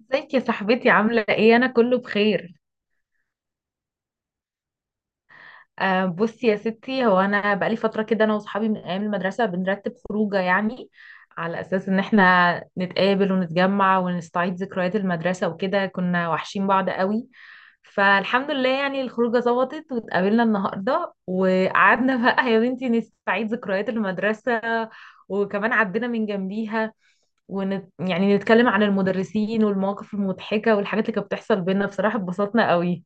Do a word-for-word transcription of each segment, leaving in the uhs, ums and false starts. ازيك يا صاحبتي، عاملة ايه؟ انا كله بخير. آه بصي يا ستي، هو انا بقالي فترة كده، انا واصحابي من ايام المدرسة بنرتب خروجة يعني، على اساس ان احنا نتقابل ونتجمع ونستعيد ذكريات المدرسة وكده. كنا وحشين بعض قوي، فالحمد لله يعني الخروجة ظبطت واتقابلنا النهاردة. وقعدنا بقى يا بنتي نستعيد ذكريات المدرسة، وكمان عدينا من جنبيها، ونت... يعني نتكلم عن المدرسين والمواقف المضحكة والحاجات اللي كانت بتحصل بينا. بصراحة اتبسطنا قوي.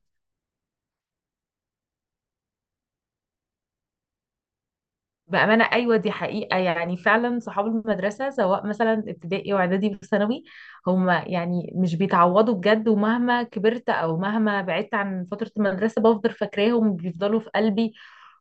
بأمانة أيوة، دي حقيقة يعني، فعلا صحاب المدرسة، سواء مثلا ابتدائي وإعدادي وثانوي، هم يعني مش بيتعوضوا بجد. ومهما كبرت أو مهما بعدت عن فترة المدرسة بفضل فاكراهم، بيفضلوا في قلبي.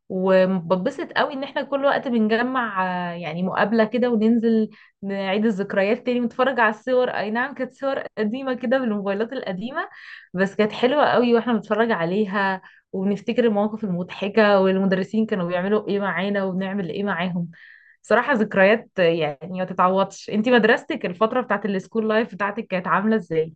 وببسط قوي ان احنا كل وقت بنجمع، آه، يعني مقابلة كده، وننزل نعيد الذكريات تاني ونتفرج على الصور. اي نعم، كانت صور قديمة كده بالموبايلات القديمة، بس كانت حلوة قوي واحنا بنتفرج عليها. وبنفتكر المواقف المضحكة والمدرسين كانوا بيعملوا ايه معانا وبنعمل ايه معاهم. صراحة ذكريات، آه، يعني ما تتعوضش. انتي مدرستك، الفترة بتاعت السكول لايف بتاعتك، كانت عاملة ازاي؟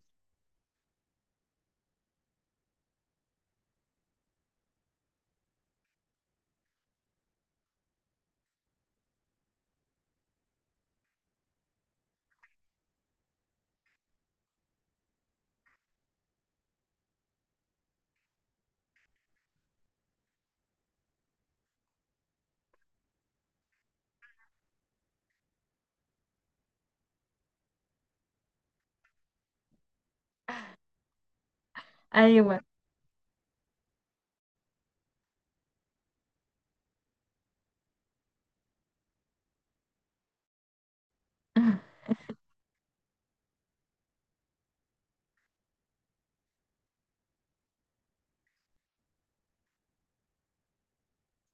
ايوه.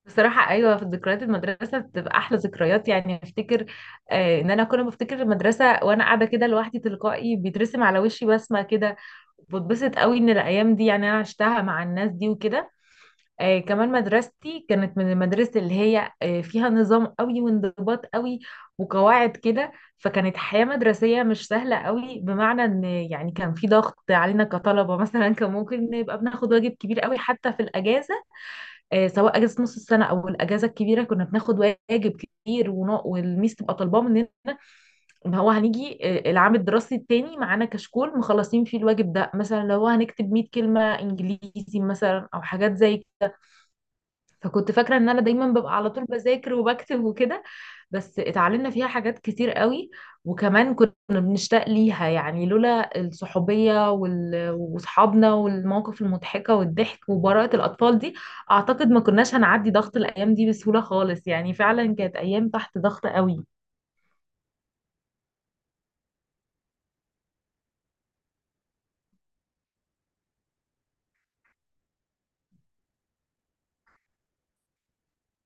بصراحة أيوة، في ذكريات المدرسة بتبقى أحلى ذكريات، يعني أفتكر. آه إن أنا كل ما أفتكر المدرسة وأنا قاعدة كده لوحدي، تلقائي بيترسم على وشي بسمة كده. بتبسط قوي إن الأيام دي يعني أنا عشتها مع الناس دي وكده. آه كمان مدرستي كانت من المدارس اللي هي آه فيها نظام قوي وانضباط قوي وقواعد كده. فكانت حياة مدرسية مش سهلة قوي، بمعنى إن يعني كان في ضغط علينا كطلبة مثلا. كان ممكن نبقى بناخد واجب كبير قوي حتى في الأجازة، آه، سواء اجازه نص السنه او الاجازه الكبيره، كنا بناخد واجب كتير، ون- والميس تبقى طالباه مننا ان هو هنيجي، آه، العام الدراسي التاني، معانا كشكول مخلصين فيه الواجب ده. مثلا لو هنكتب مية كلمه انجليزي مثلا او حاجات زي كده. فكنت فاكره ان انا دايما ببقى على طول بذاكر وبكتب وكده. بس اتعلمنا فيها حاجات كتير قوي، وكمان كنا بنشتاق ليها يعني. لولا الصحوبية وال- وصحابنا والمواقف المضحكة والضحك وبراءة الأطفال دي، أعتقد ما كناش هنعدي ضغط الأيام دي بسهولة خالص. يعني فعلا كانت أيام تحت ضغط قوي.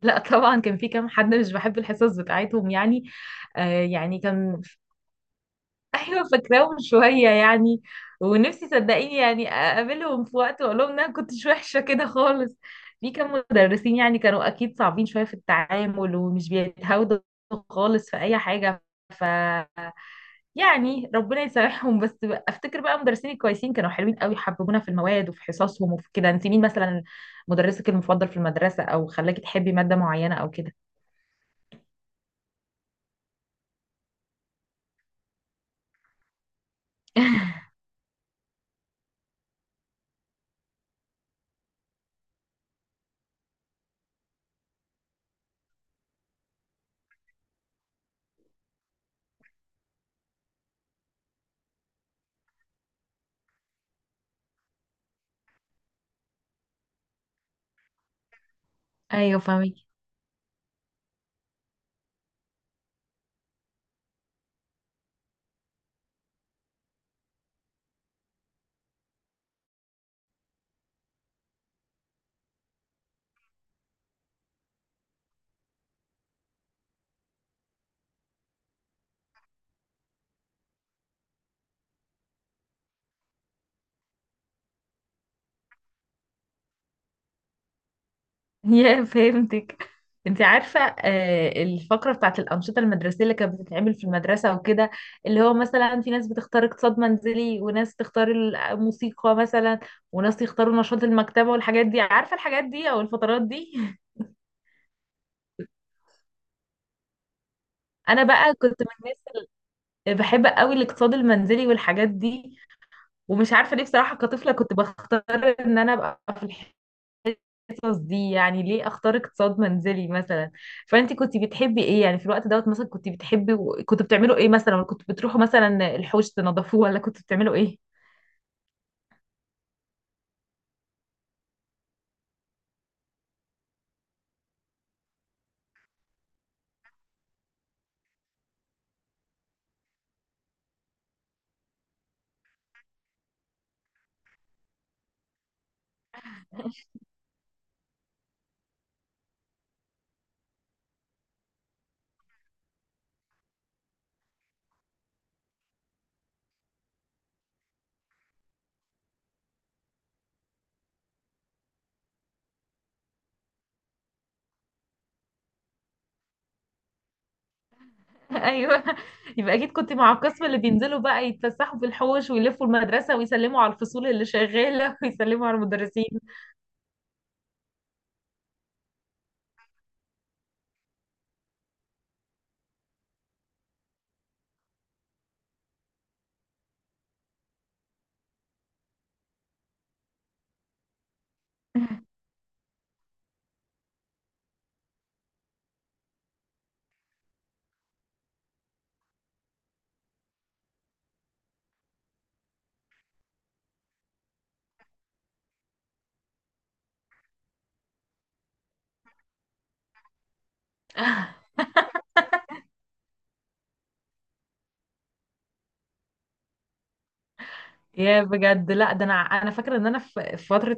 لا طبعا، كان في كام حد مش بحب الحصص بتاعتهم يعني. آه يعني كان، ايوه فاكراهم شويه يعني. ونفسي صدقيني يعني اقابلهم في وقت واقول لهم ان انا كنتش وحشه كده خالص. في كام مدرسين يعني كانوا اكيد صعبين شويه في التعامل ومش بيتهاودوا خالص في اي حاجه. ف يعني ربنا يسامحهم. بس بقى- افتكر بقى مدرسين الكويسين كانوا حلوين قوي، حببونا في المواد وفي حصصهم وفي كده. انت مين مثلا مدرسك المفضل في المدرسه، او خلاكي تحبي ماده معينه او كده؟ ايوه، فاهمك. يا فهمتك. انت عارفة آه، الفقرة بتاعت الأنشطة المدرسية اللي كانت بتتعمل في المدرسة وكده، اللي هو مثلا في ناس بتختار اقتصاد منزلي وناس تختار الموسيقى مثلا وناس يختاروا نشاط المكتبة والحاجات دي؟ عارفة الحاجات دي أو الفترات دي؟ أنا بقى كنت من الناس اللي بحب قوي الاقتصاد المنزلي والحاجات دي. ومش عارفة ليه بصراحة، كطفلة كنت بختار إن أنا أبقى في القصص دي. يعني ليه اختار اقتصاد منزلي مثلا؟ فانت كنت بتحبي ايه يعني في الوقت دوت مثلا؟ كنت بتحبي و... كنت بتعملوا ايه مثلا، ولا كنت بتروحوا مثلا الحوش تنظفوه، ولا كنت بتعملوا ايه؟ ايوه. يبقى اكيد كنت مع القسم اللي بينزلوا بقى يتفسحوا في الحوش ويلفوا المدرسة ويسلموا على الفصول اللي شغالة ويسلموا على المدرسين. يا بجد، لا ده انا انا فاكره ان انا في في فتره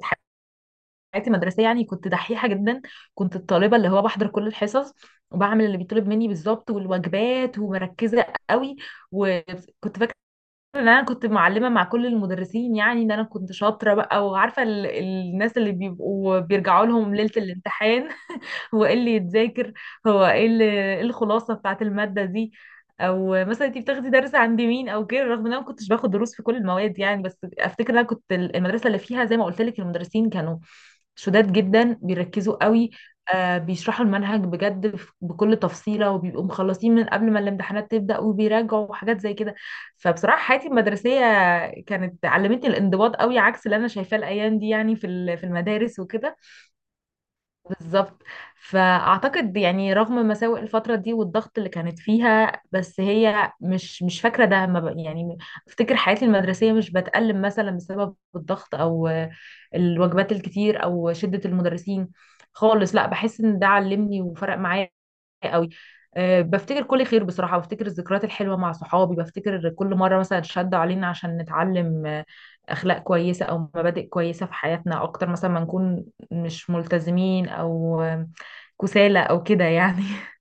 حياتي المدرسيه يعني كنت دحيحه جدا. كنت الطالبه اللي هو بحضر كل الحصص وبعمل اللي بيطلب مني بالظبط، والواجبات، ومركزه قوي. وكنت فاكره ان انا كنت معلمه مع كل المدرسين، يعني ان انا كنت شاطره بقى وعارفه ال... الناس اللي بيبقوا بيرجعوا لهم ليله الامتحان. هو ايه اللي يتذاكر؟ هو ايه اللي- إيه الخلاصة بتاعت المادة دي؟ او مثلا انت بتاخدي درس عند مين او كده؟ رغم ان انا ما كنتش باخد دروس في كل المواد يعني، بس افتكر ان انا كنت المدرسة اللي فيها زي ما قلت لك المدرسين كانوا شداد جدا بيركزوا قوي. آه، بيشرحوا المنهج بجد ف- بكل تفصيلة، وبيبقوا مخلصين من قبل ما الامتحانات تبدأ وبيراجعوا وحاجات زي كده. فبصراحة حياتي المدرسية كانت علمتني الانضباط قوي، عكس اللي انا شايفاه الايام دي يعني في ال- في المدارس وكده. بالظبط. فاعتقد يعني رغم مساوئ الفتره دي والضغط اللي كانت فيها، بس هي مش مش فاكره ده، ما ب- يعني افتكر حياتي المدرسيه مش بتألم مثلا بسبب الضغط او آه، الوجبات الكتير او شده المدرسين خالص. لا، بحس ان ده علمني وفرق معايا قوي. أه، بفتكر كل خير بصراحة، بفتكر الذكريات الحلوة مع صحابي، بفتكر كل مرة مثلا شدوا علينا عشان نتعلم آه، أخلاق كويسة أو مبادئ كويسة في حياتنا، أكتر مثلا ما نكون مش ملتزمين أو آه، كسالى أو كده يعني.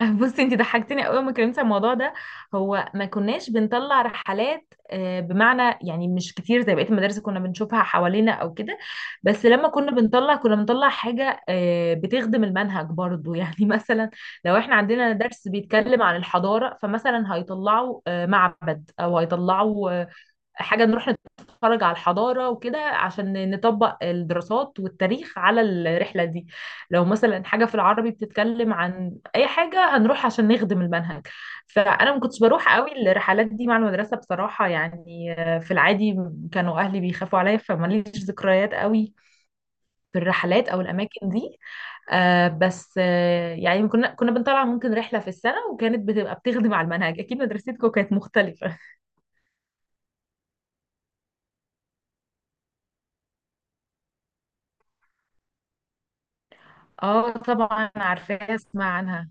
بصي، انت ضحكتني قوي ما كلمت عن الموضوع ده. هو ما كناش بنطلع رحلات، آه، بمعنى يعني مش كتير زي بقية المدارس اللي كنا بنشوفها حوالينا او كده. بس لما كنا بنطلع كنا بنطلع حاجة آه، بتخدم المنهج برضو. يعني مثلا لو احنا عندنا درس بيتكلم عن الحضارة، فمثلا هيطلعوا آه، معبد او هيطلعوا آه، حاجة، نروح نتفرج على الحضارة وكده عشان نطبق الدراسات والتاريخ على الرحلة دي. لو مثلا حاجة في العربي بتتكلم عن أي حاجة، هنروح عشان نخدم المنهج. فأنا ما كنتش بروح قوي الرحلات دي مع المدرسة بصراحة، يعني آه، في العادي كانوا أهلي بيخافوا عليا، فماليش ذكريات قوي في الرحلات أو الأماكن دي. آه بس آه يعني كنا كنا بنطلع ممكن رحلة في السنة، وكانت بتبقى بتخدم على المنهج. أكيد مدرستكم كانت مختلفة. اه طبعا، عارفاها، اسمع عنها.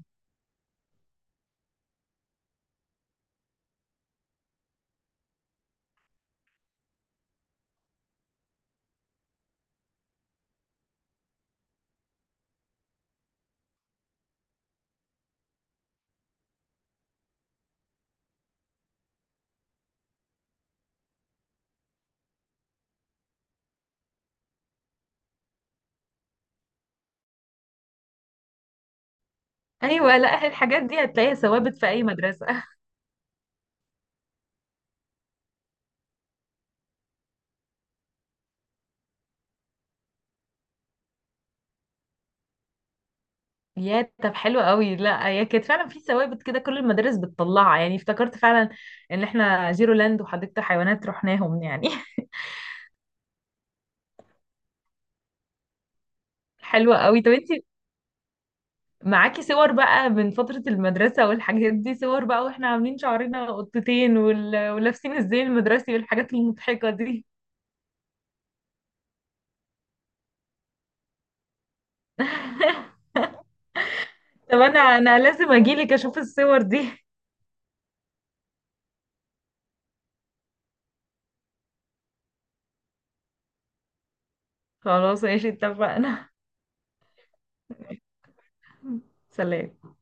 ايوه، لا، الحاجات دي هتلاقيها ثوابت في اي مدرسه. يا طب حلو قوي. لا هي كانت فعلا في ثوابت كده كل المدارس بتطلعها، يعني افتكرت فعلا ان احنا زيرو لاند وحديقه حيوانات رحناهم يعني. حلوه قوي. طب انتي معاكي صور بقى من فتره المدرسه والحاجات دي، صور بقى واحنا عاملين شعرنا قطتين وال... ولابسين الزي المدرسي والحاجات المضحكه دي؟ طب انا انا لازم اجيلك اشوف الصور دي. خلاص ماشي اتفقنا. سلام.